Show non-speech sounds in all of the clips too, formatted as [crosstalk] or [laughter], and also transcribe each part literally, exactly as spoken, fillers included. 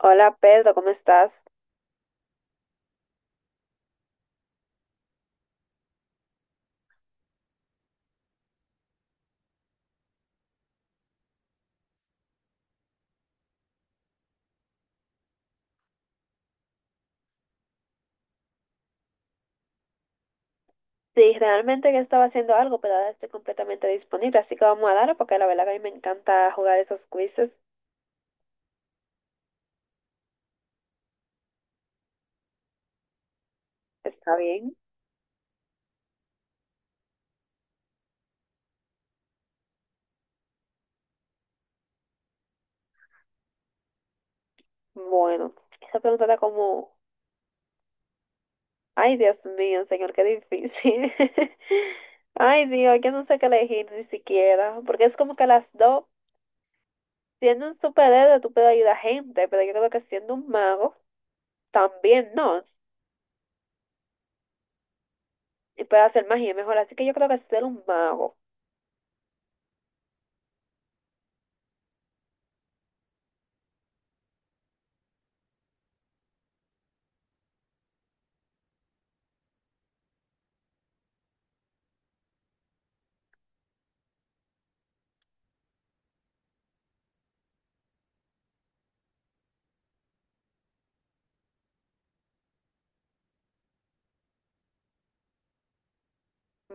Hola Pedro, ¿cómo estás? Sí, realmente que estaba haciendo algo, pero ahora estoy completamente disponible, así que vamos a darle porque la verdad que a mí me encanta jugar esos quizzes. Está bien. Bueno, esa pregunta está como, ay Dios mío, señor, qué difícil. [laughs] Ay Dios, yo no sé qué elegir ni siquiera, porque es como que las dos, siendo un superhéroe tú puedes ayudar a gente, pero yo creo que siendo un mago también no, y puedes hacer magia mejor, así que yo creo que ser un mago.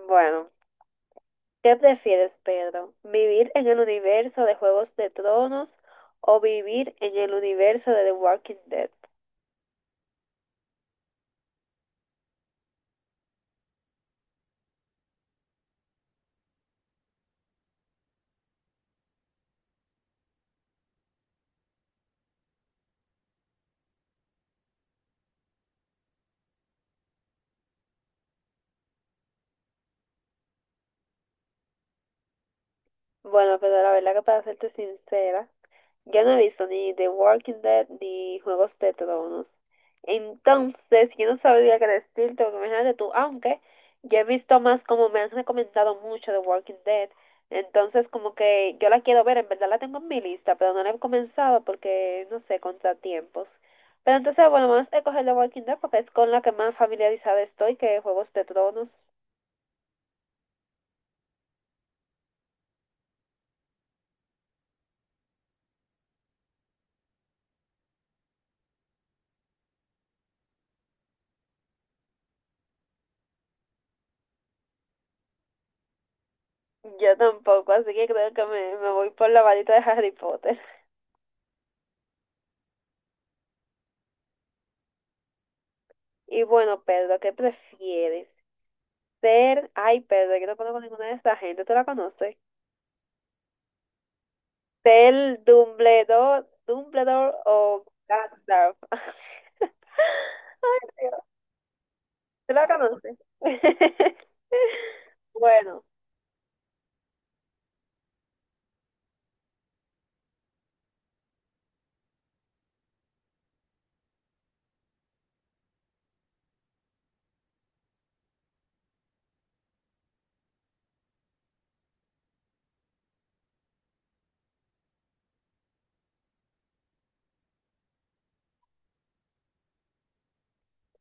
Bueno. ¿Qué prefieres, Pedro? ¿Vivir en el universo de Juegos de Tronos o vivir en el universo de The Walking Dead? Bueno, Pedro, la verdad que para serte sincera, yo no he visto ni The Walking Dead ni Juegos de Tronos. Entonces, yo no sabría qué decirte, porque imagínate tú, aunque yo he visto más como me han recomendado mucho The Walking Dead. Entonces, como que yo la quiero ver, en verdad la tengo en mi lista, pero no la he comenzado porque, no sé, contratiempos. Pero entonces, bueno, vamos a escoger The Walking Dead porque es con la que más familiarizada estoy que Juegos de Tronos. Yo tampoco, así que creo que me, me voy por la varita de Harry Potter. Y bueno, Pedro, ¿qué prefieres? Ser, ay, perdón, que no conozco ninguna de esta gente, ¿tú la conoces? Ser Dumbledore, Dumbledore o Gandalf. [laughs] Ay, Dios, ¿tú la conoces? [laughs] Bueno,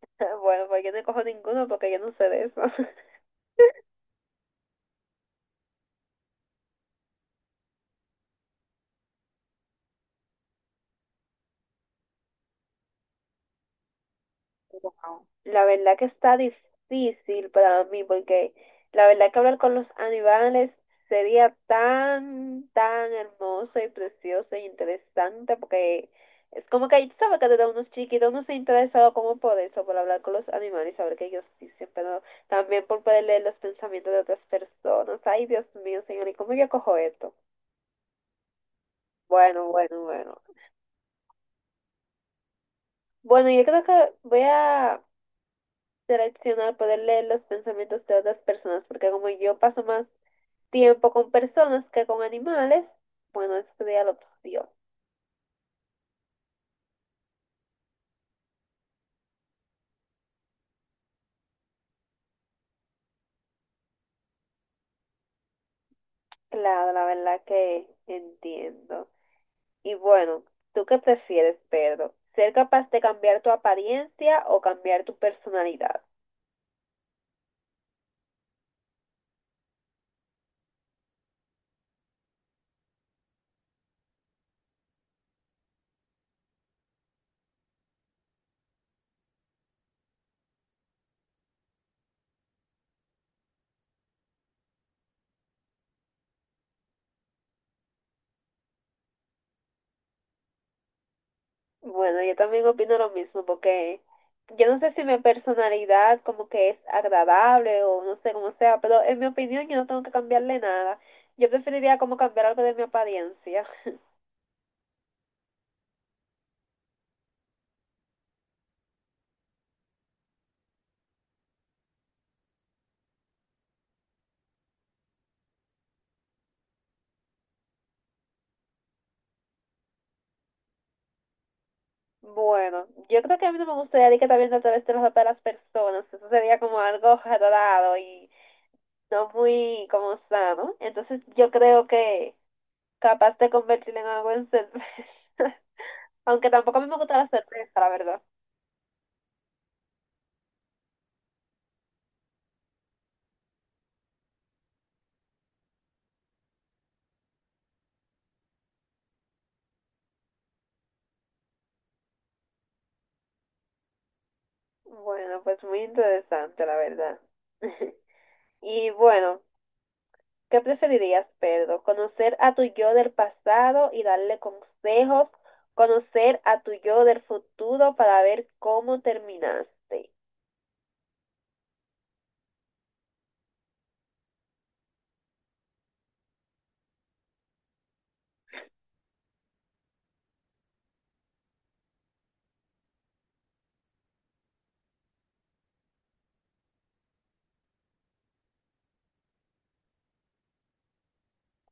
[laughs] bueno, pues yo no cojo ninguno porque yo no sé de eso. La verdad que está difícil para mí porque la verdad que hablar con los animales sería tan, tan hermoso y precioso e interesante porque es como que tú sabes que desde unos chiquitos no se ha interesado como por eso, por hablar con los animales, y saber que ellos dicen, pero también por poder leer los pensamientos de otras personas. Ay, Dios mío, señor, ¿y cómo yo cojo esto? Bueno, bueno, bueno. Bueno, yo creo que voy a seleccionar, poder leer los pensamientos de otras personas, porque como yo paso más tiempo con personas que con animales, bueno, eso ya lo opción. Claro, la verdad que entiendo. Y bueno, ¿tú qué prefieres, Pedro? ¿Ser capaz de cambiar tu apariencia o cambiar tu personalidad? Bueno, yo también opino lo mismo, porque yo no sé si mi personalidad como que es agradable o no sé cómo sea, pero en mi opinión yo no tengo que cambiarle nada. Yo preferiría como cambiar algo de mi apariencia. [laughs] Bueno, yo creo que a mí no me gustaría de que también a través de los ojos de las personas. Eso sería como algo raro y no muy como sano. Entonces yo creo que capaz de convertirlo en algo en cerveza. [laughs] Aunque tampoco a mí me gusta la cerveza, la verdad. Bueno, pues muy interesante, la verdad. [laughs] Y bueno, ¿qué preferirías, Pedro? ¿Conocer a tu yo del pasado y darle consejos? ¿Conocer a tu yo del futuro para ver cómo terminaste?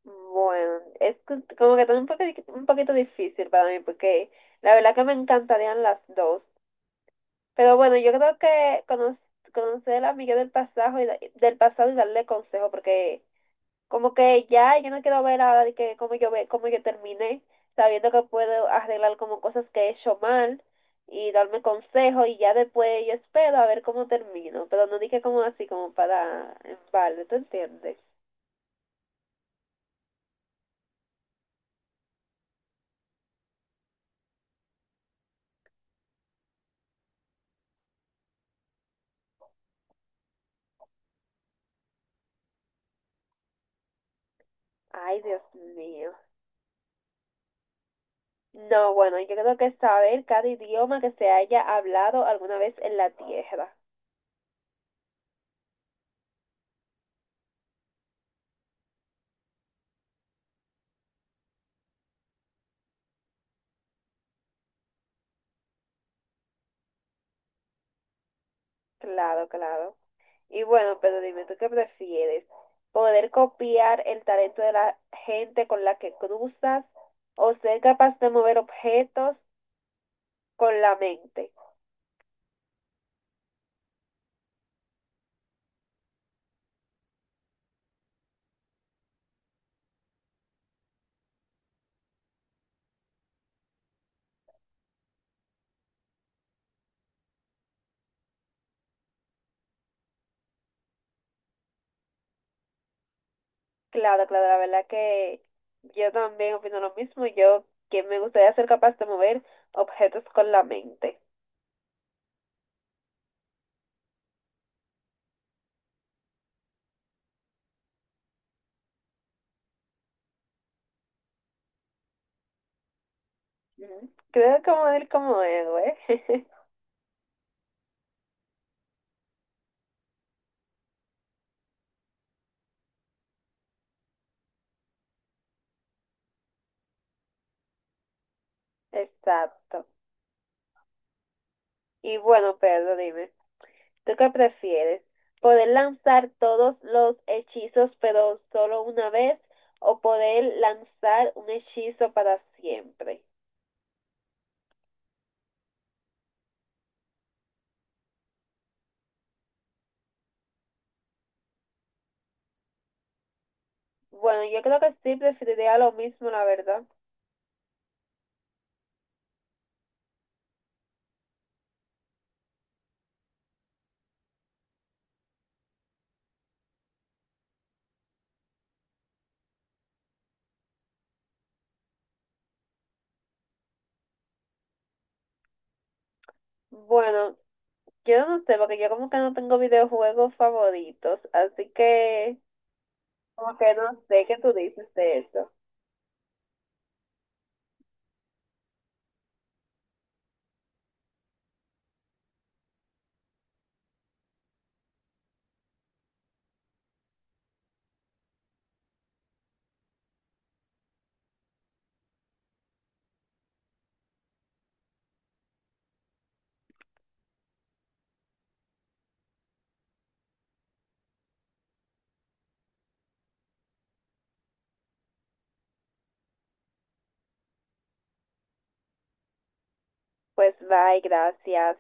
Bueno, es co- como que también un poquito, un poquito difícil para mí porque la verdad que me encantarían las dos. Pero bueno, yo creo que cono- conocer a mi yo del pasado y, da- del pasado y darle consejo porque... Como que ya, yo no quiero ver ahora de que cómo yo ve, cómo yo terminé, sabiendo que puedo arreglar como cosas que he hecho mal y darme consejo y ya después yo espero a ver cómo termino, pero no dije como así como para en balde, ¿tú entiendes? Ay, Dios mío. No, bueno, yo creo que saber cada idioma que se haya hablado alguna vez en la tierra. Claro, claro. Y bueno, pero dime, ¿tú qué prefieres? ¿Poder copiar el talento de la gente con la que cruzas o ser capaz de mover objetos con la mente? Claro, claro, la verdad que yo también opino lo mismo. Yo que me gustaría ser capaz de mover objetos con la mente. Ujú. Creo que morir como héroe. [laughs] Exacto. Y bueno, Pedro, dime. ¿Tú qué prefieres? ¿Poder lanzar todos los hechizos pero solo una vez o poder lanzar un hechizo para siempre? Bueno, yo creo que sí preferiría lo mismo, la verdad. Bueno, yo no sé, porque yo como que no tengo videojuegos favoritos, así que como que no sé qué tú dices de eso. Pues bye, gracias.